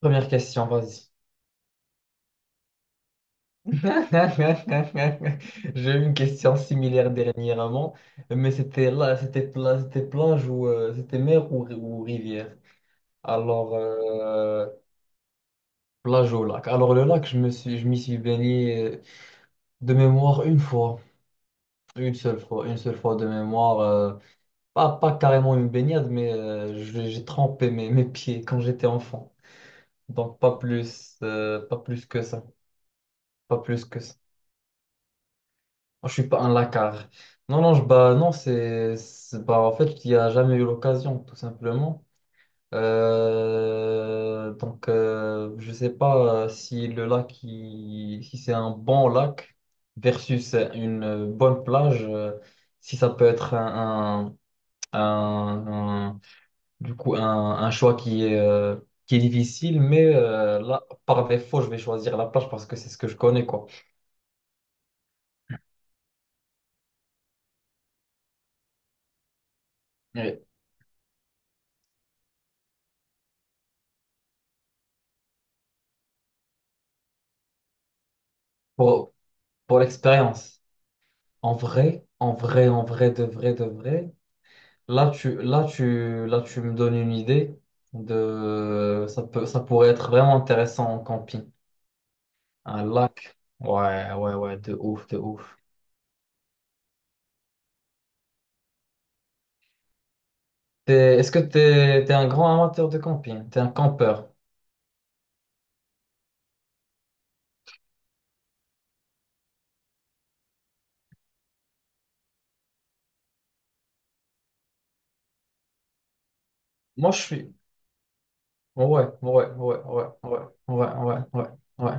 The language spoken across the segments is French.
Première question, vas-y. J'ai eu une question similaire dernièrement, mais c'était plage ou c'était mer ou rivière. Alors euh, plage au lac. Alors le lac, je m'y suis baigné de mémoire une fois, une seule fois de mémoire. Pas carrément une baignade, mais j'ai trempé mes pieds quand j'étais enfant. Donc pas plus, pas plus que ça. Moi, je suis pas un lacard. Non, non, bah, non, bah, en fait, il n'y a jamais eu l'occasion, tout simplement. Je sais pas si le lac, si c'est un bon lac versus une bonne plage, si ça peut être un- un- un- du coup, un choix qui est difficile, mais là, par défaut, je vais choisir la plage parce que c'est ce que je connais, quoi. Et Pour, pour l'expérience. En vrai, de vrai, de vrai. Là, tu me donnes une idée de. Ça pourrait être vraiment intéressant en camping. Un lac. Ouais, ouais, ouais, de ouf, de ouf. Est-ce que t'es un grand amateur de camping? T'es un campeur? Moi, je suis. Ouais, ouais, ouais, ouais, ouais, ouais, ouais, ouais, ouais.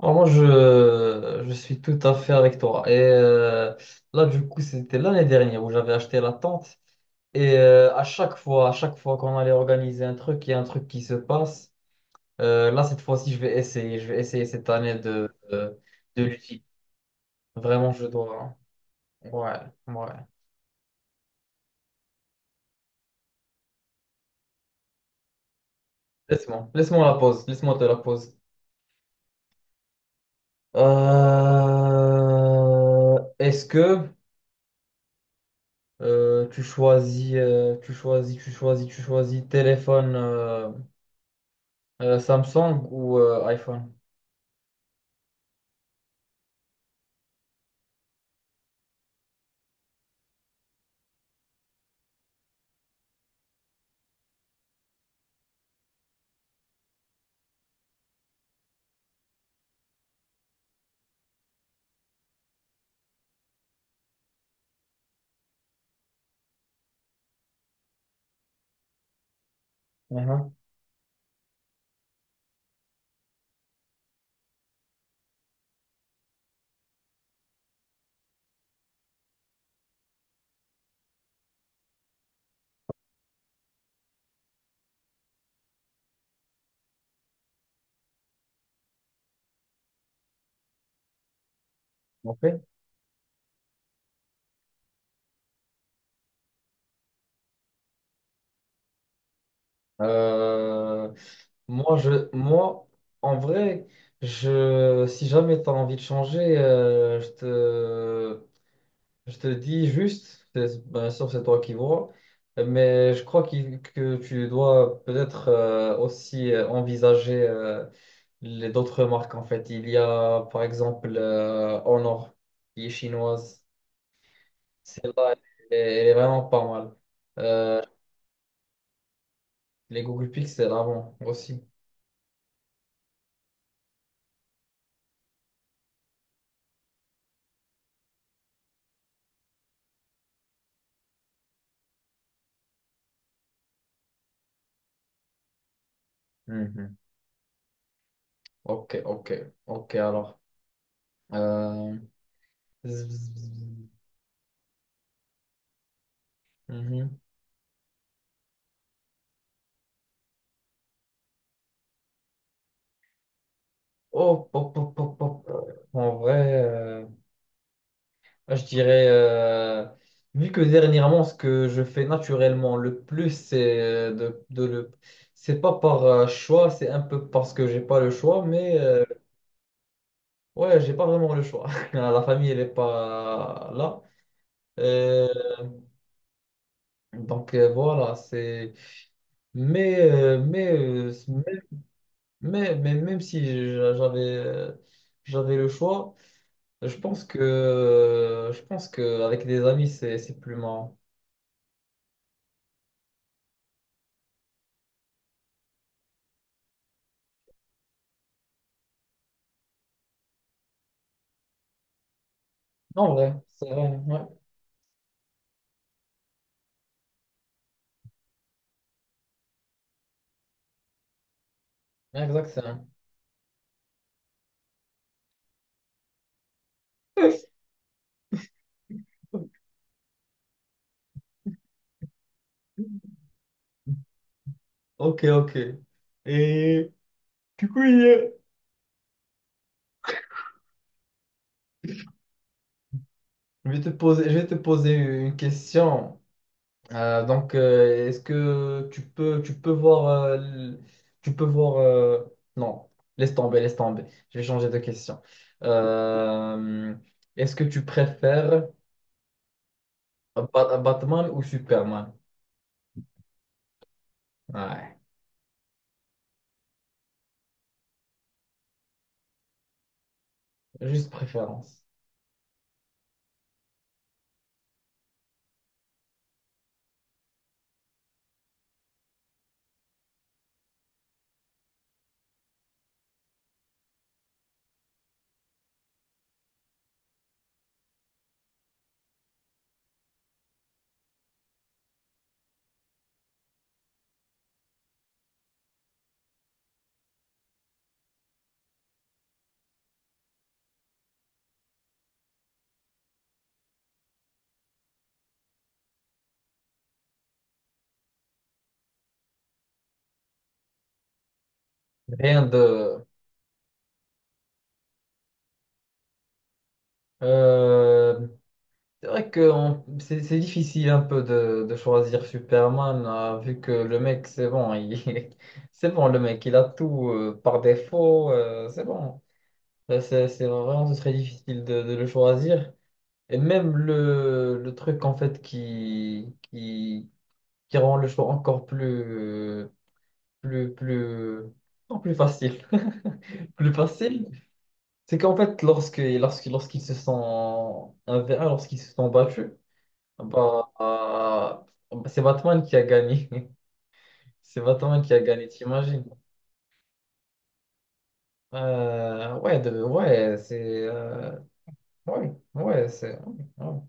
Alors, moi, je suis tout à fait avec toi. Et là, du coup, c'était l'année dernière où j'avais acheté la tente. Et à chaque fois qu'on allait organiser un truc, il y a un truc qui se passe. Là, cette fois-ci, je vais essayer. Je vais essayer cette année de l'utiliser. Vraiment, je dois. Hein. Ouais, ouais. Laisse-moi, laisse-moi la pause. Laisse-moi te la pause. Est-ce que tu choisis téléphone. Samsung ou iPhone? Mhm. Ok. Euh, moi, en vrai, si jamais tu as envie de changer, je te dis juste, bien sûr, c'est toi qui vois, mais je crois que tu dois peut-être aussi envisager les d'autres marques en fait. Il y a par exemple Honor qui est chinoise. Celle-là, elle est vraiment pas mal. Euh, Les Google Pixel avant aussi. Mhm. Ok, ok, ok, alors. Euh, zzz, zzz, zzz. Mhm. Oh, pop, pop, pop, pop. En vrai, je dirais, vu que dernièrement, ce que je fais naturellement le plus, c'est de le. C'est pas par choix, c'est un peu parce que j'ai pas le choix, mais ouais, j'ai pas vraiment le choix. La famille, elle est pas là. Euh, voilà, c'est. Mais, euh, mais, euh, mais même si j'a- j'avais le choix, je pense que avec des amis c'est plus marrant. En vrai, c'est vrai, ouais. Ouais, exact, c'est vrai. Ok, ok. Et du coup, je vais te poser, je vais te poser une question. Est-ce que tu peux voir, l- tu peux voir, non, laisse tomber, laisse tomber. Je vais changer de question. Euh, est-ce que tu préfères Batman ou Superman? Ouais, juste préférence. Rien de. Euh, c'est vrai que c'est difficile un peu de choisir Superman, vu que le mec, c'est bon, il... c'est bon, le mec, il a tout par défaut, c'est bon. C'est vraiment ce serait difficile de le choisir. Et même le truc, en fait, qui rend le choix encore plus. Plus, plus, non, plus facile. Plus facile, c'est qu'en fait, lorsqu'ils se sont 1v1, lorsqu'ils se sont battus, bah, c'est Batman qui a gagné. C'est Batman qui a gagné, t'imagines? Ouais, c'est. Ouais, c'est. Ouais, ouais.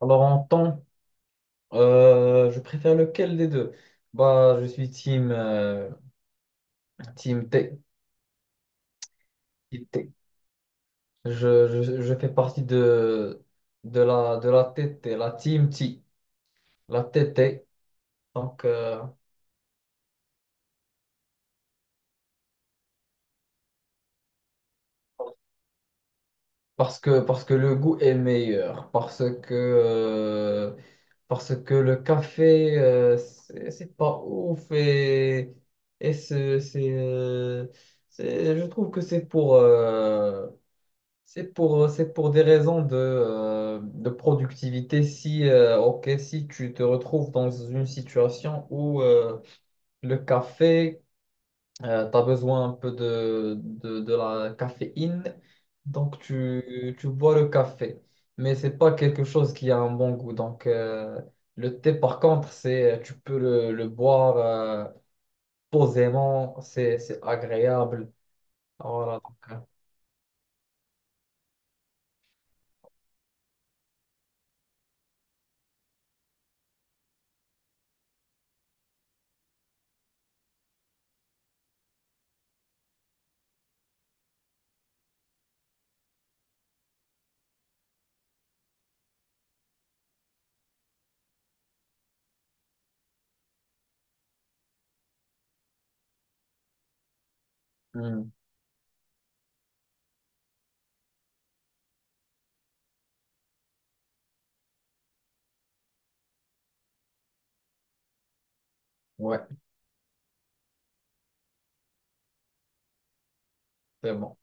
Alors, en temps, je préfère lequel des deux? Bah, je suis team T- je fais partie de la TT, la Team T, la TT. Donc, euh, parce que le goût est meilleur, parce que le café, c'est pas ouf et, et c'est, c'est, euh, je trouve que c'est pour, c'est pour des raisons de productivité. Si, ok, si tu te retrouves dans une situation où, Le café, tu as besoin un peu de la caféine, donc tu bois le café, mais c'est pas quelque chose qui a un bon goût. Le thé, par contre, c'est tu peux le boire posément, c'est agréable. Voilà, donc, euh, hmm, ouais, c'est bon.